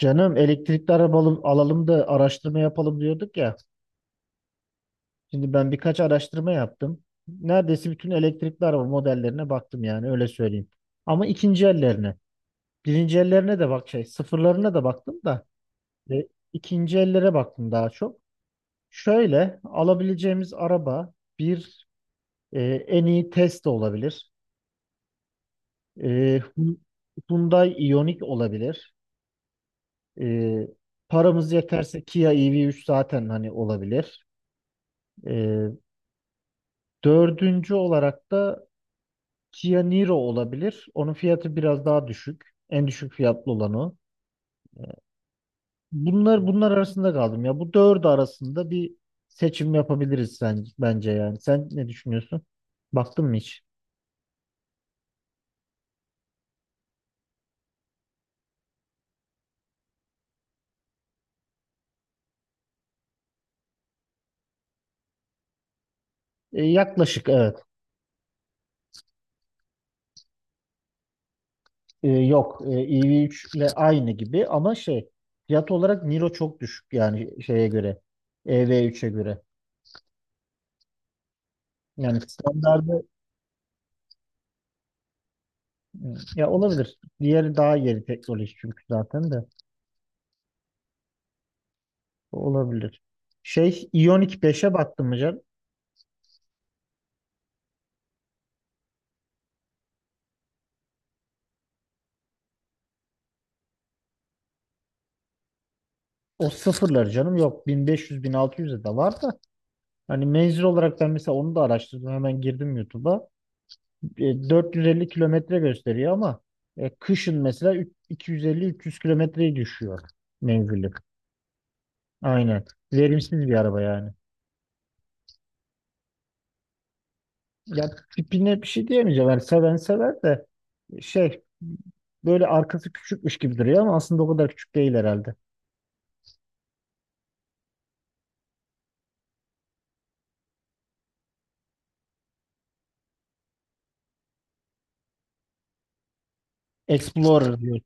Canım elektrikli arabalı alalım da araştırma yapalım diyorduk ya. Şimdi ben birkaç araştırma yaptım. Neredeyse bütün elektrikli araba modellerine baktım yani öyle söyleyeyim. Ama ikinci ellerine. Birinci ellerine de bak şey sıfırlarına da baktım da. Ve ikinci ellere baktım daha çok. Şöyle alabileceğimiz araba bir e, en iyi Tesla olabilir. E, Hy- Hyundai Ioniq olabilir. E, paramız yeterse Kia EV3 zaten hani olabilir. E, Dördüncü olarak da Kia Niro olabilir. Onun fiyatı biraz daha düşük. En düşük fiyatlı olan o. Bunlar arasında kaldım ya. Bu dördü arasında bir seçim yapabiliriz sen, bence yani. Sen ne düşünüyorsun? Baktın mı hiç? Yaklaşık evet. Yok EV3 ile aynı gibi ama şey fiyat olarak Niro çok düşük yani şeye göre. EV3'e göre. Yani standardı ya olabilir. Diğeri daha yeni teknoloji çünkü zaten de. Olabilir. Şey iyonik beşe baktım mı canım? O sıfırlar canım yok. Bin, bin beş yüz, bin altı, 1600'e de var da. Hani menzil olarak ben mesela onu da araştırdım. Hemen girdim YouTube'a. E, 450 kilometre gösteriyor ama kışın mesela 250-300 kilometreyi düşüyor menzili. Aynen. Verimsiz bir araba yani. Ya tipine bir şey diyemeyeceğim. Yani seven sever de şey böyle arkası küçükmüş gibi duruyor ama aslında o kadar küçük değil herhalde. Explorer diyor.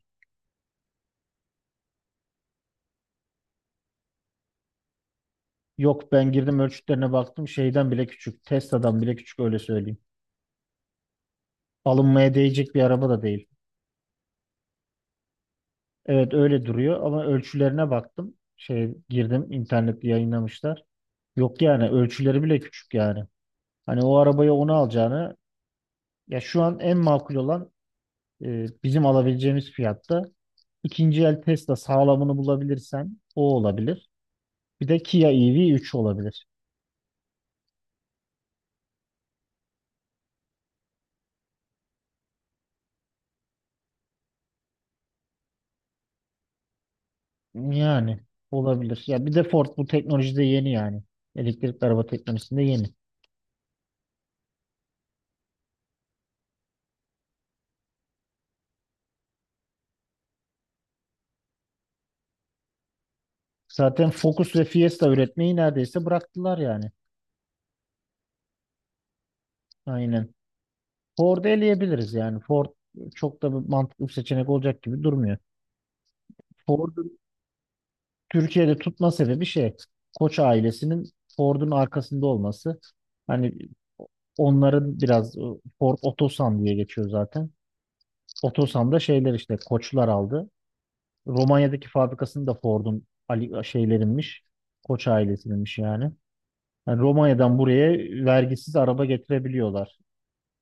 Yok ben girdim ölçütlerine baktım şeyden bile küçük. Tesla'dan bile küçük öyle söyleyeyim. Alınmaya değecek bir araba da değil. Evet öyle duruyor ama ölçülerine baktım. Şey girdim internette yayınlamışlar. Yok yani ölçüleri bile küçük yani. Hani o arabaya onu alacağını ya şu an en makul olan bizim alabileceğimiz fiyatta ikinci el Tesla sağlamını bulabilirsen o olabilir. Bir de Kia EV3 olabilir. Yani olabilir. Ya bir de Ford bu teknolojide yeni yani. Elektrikli araba teknolojisinde yeni. Zaten Focus ve Fiesta üretmeyi neredeyse bıraktılar yani. Aynen. Ford'u eleyebiliriz yani. Ford çok da bir mantıklı bir seçenek olacak gibi durmuyor. Ford'un Türkiye'de tutma sebebi şey. Koç ailesinin Ford'un arkasında olması. Hani onların biraz Ford Otosan diye geçiyor zaten. Otosan'da şeyler işte Koçlar aldı. Romanya'daki fabrikasını da Ford'un Ali şeylerinmiş. Koç ailesininmiş yani. Yani Romanya'dan buraya vergisiz araba getirebiliyorlar.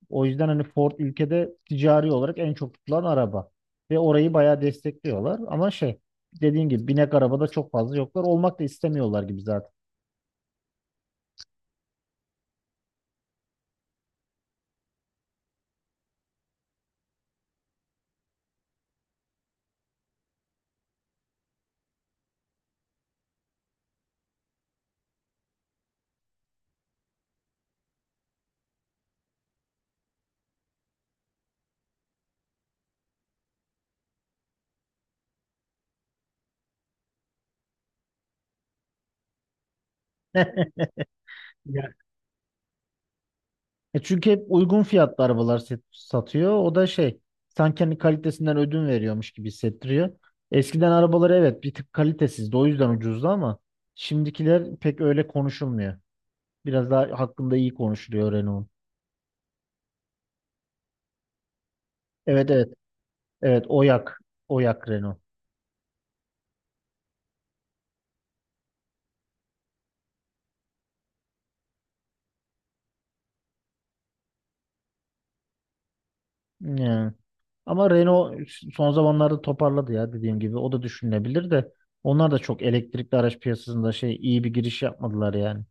O yüzden hani Ford ülkede ticari olarak en çok tutulan araba. Ve orayı bayağı destekliyorlar. Ama şey dediğin gibi binek arabada çok fazla yoklar. Olmak da istemiyorlar gibi zaten. Çünkü hep uygun fiyatlı arabalar satıyor. O da şey sanki hani kalitesinden ödün veriyormuş gibi hissettiriyor. Eskiden arabaları evet bir tık kalitesizdi. O yüzden ucuzdu ama şimdikiler pek öyle konuşulmuyor. Biraz daha hakkında iyi konuşuluyor Renault'un. Evet, evet. Evet, Oyak. Oyak Renault. Yani. Ama Renault son zamanlarda toparladı ya dediğim gibi. O da düşünülebilir de. Onlar da çok elektrikli araç piyasasında şey iyi bir giriş yapmadılar yani.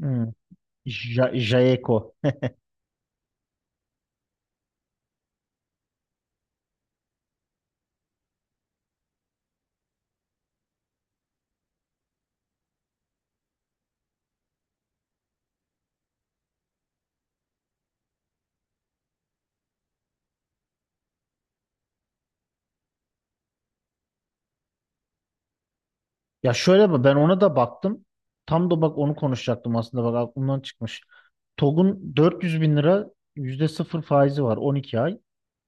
Hmm. Jaeco. Ya şöyle bak ben ona da baktım. Tam da bak onu konuşacaktım aslında bak aklımdan çıkmış. TOG'un 400 bin lira %0 faizi var 12 ay.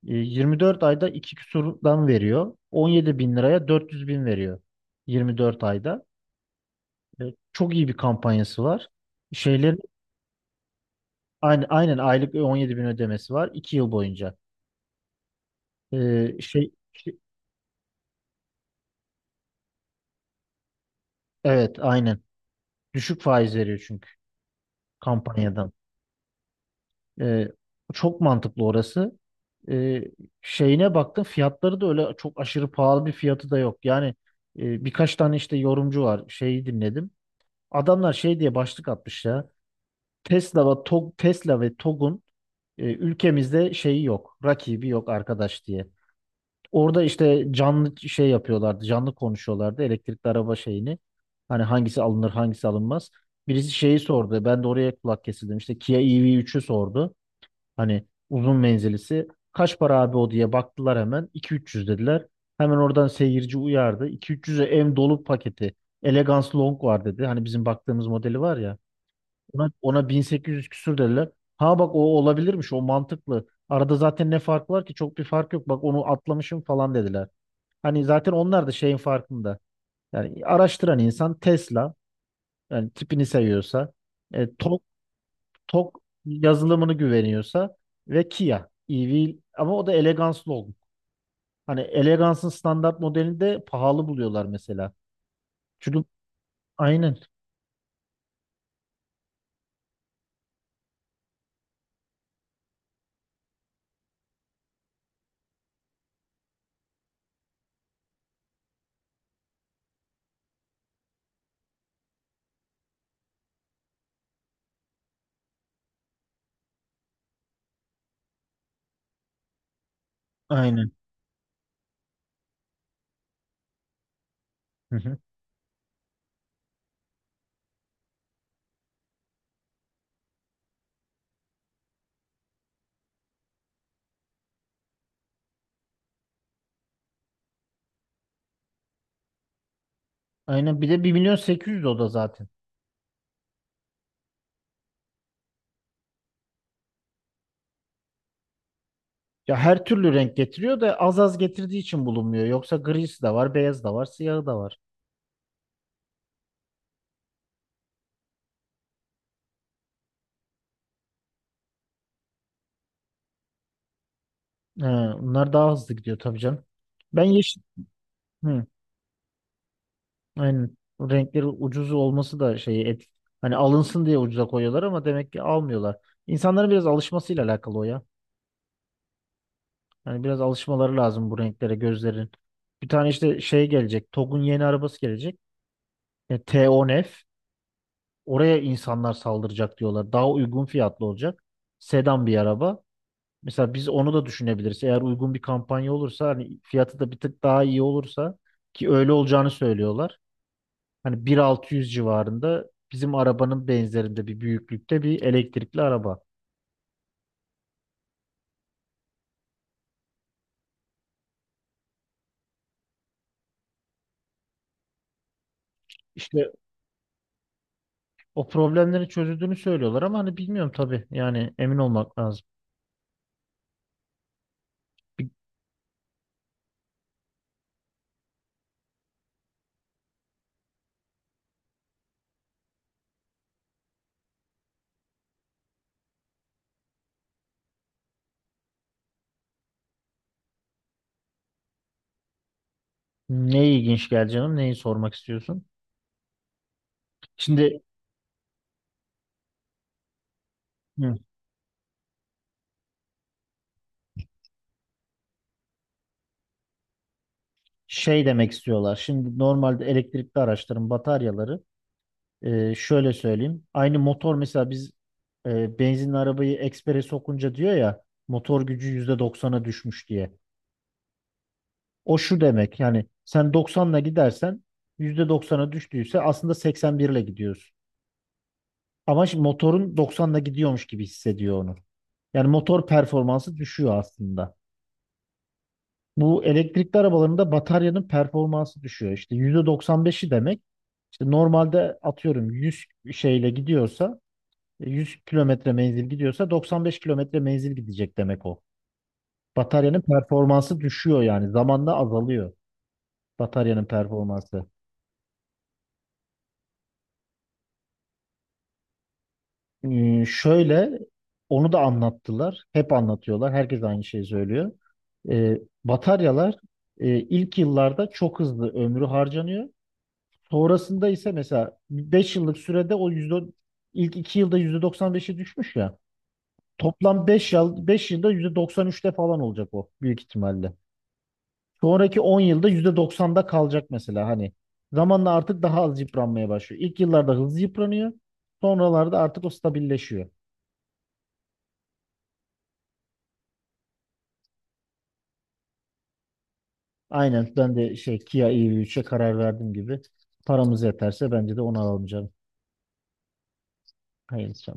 24 ayda 2 küsurdan veriyor. 17 bin liraya 400 bin veriyor. 24 ayda. E, Çok iyi bir kampanyası var. Şeylerin aynı, aynen aylık 17 bin ödemesi var 2 yıl boyunca. E, şey, şey- evet aynen. Düşük faiz veriyor çünkü kampanyadan. Ee, Çok mantıklı orası. Ee, Şeyine baktım fiyatları da öyle çok aşırı pahalı bir fiyatı da yok. Yani birkaç tane işte yorumcu var şeyi dinledim. Adamlar şey diye başlık atmış ya. Tesla ve Togg'un ülkemizde şeyi yok. Rakibi yok arkadaş diye. Orada işte canlı şey yapıyorlardı. Canlı konuşuyorlardı elektrikli araba şeyini. Hani hangisi alınır hangisi alınmaz. Birisi şeyi sordu. Ben de oraya kulak kesildim. İşte Kia EV3'ü sordu. Hani uzun menzilisi. Kaç para abi o diye baktılar hemen. İki üç yüz dediler. Hemen oradan seyirci uyardı. İki üç yüz'e ev dolu paketi. Elegance Long var dedi. Hani bizim baktığımız modeli var ya. Ona 1.800 küsür dediler. Ha bak o olabilirmiş. O mantıklı. Arada zaten ne fark var ki? Çok bir fark yok. Bak onu atlamışım falan dediler. Hani zaten onlar da şeyin farkında. Yani araştıran insan Tesla. Yani tipini seviyorsa. E, Toz Tok yazılımını güveniyorsa ve Kia EV ama o da eleganslı oldu. Hani elegansın standart modelini de pahalı buluyorlar mesela. Çünkü aynen, aynen. Hı hı. Aynen, bir de 1.800.000 o da zaten. Ya her türlü renk getiriyor da az az getirdiği için bulunmuyor. Yoksa grisi de var, beyaz da var, siyahı da var. He, bunlar daha hızlı gidiyor tabii canım. Ben yeşil. Hı. Aynen. O renkleri ucuz olması da şeyi et. Hani alınsın diye ucuza koyuyorlar ama demek ki almıyorlar. İnsanların biraz alışmasıyla alakalı o ya. Hani biraz alışmaları lazım bu renklere gözlerin. Bir tane işte şey gelecek. TOGG'un yeni arabası gelecek. T10F. Oraya insanlar saldıracak diyorlar. Daha uygun fiyatlı olacak. Sedan bir araba. Mesela biz onu da düşünebiliriz. Eğer uygun bir kampanya olursa hani fiyatı da bir tık daha iyi olursa ki öyle olacağını söylüyorlar. Hani 1.600 civarında bizim arabanın benzerinde bir büyüklükte bir elektrikli araba. İşte o problemlerin çözüldüğünü söylüyorlar ama hani bilmiyorum tabii. Yani emin olmak lazım. Bir- Ne ilginç geldi canım? Neyi sormak istiyorsun? Şimdi hı, şey demek istiyorlar. Şimdi normalde elektrikli araçların bataryaları şöyle söyleyeyim. Aynı motor mesela biz benzinli arabayı ekspere sokunca diyor ya motor gücü %90'a düşmüş diye. O şu demek yani sen 90'la gidersen %90'a düştüyse aslında 81 ile gidiyorsun. Ama şimdi motorun 90'la gidiyormuş gibi hissediyor onu. Yani motor performansı düşüyor aslında. Bu elektrikli arabalarında bataryanın performansı düşüyor. İşte %95'i demek işte normalde atıyorum 100 şeyle gidiyorsa 100 kilometre menzil gidiyorsa 95 kilometre menzil gidecek demek o. Bataryanın performansı düşüyor yani zamanla azalıyor bataryanın performansı. Şöyle onu da anlattılar. Hep anlatıyorlar. Herkes aynı şeyi söylüyor. Ee, Bataryalar ilk yıllarda çok hızlı ömrü harcanıyor. Sonrasında ise mesela 5 yıllık sürede o yüzde ilk 2 yılda %95'e düşmüş ya. Toplam 5 yılda %93'te falan olacak o büyük ihtimalle. Sonraki 10 yılda %90'da kalacak mesela hani. Zamanla artık daha az yıpranmaya başlıyor. İlk yıllarda hızlı yıpranıyor. Sonralarda artık o stabilleşiyor. Aynen ben de şey Kia EV3'e karar verdim gibi. Paramız yeterse bence de onu alacağım. Hayırlısı.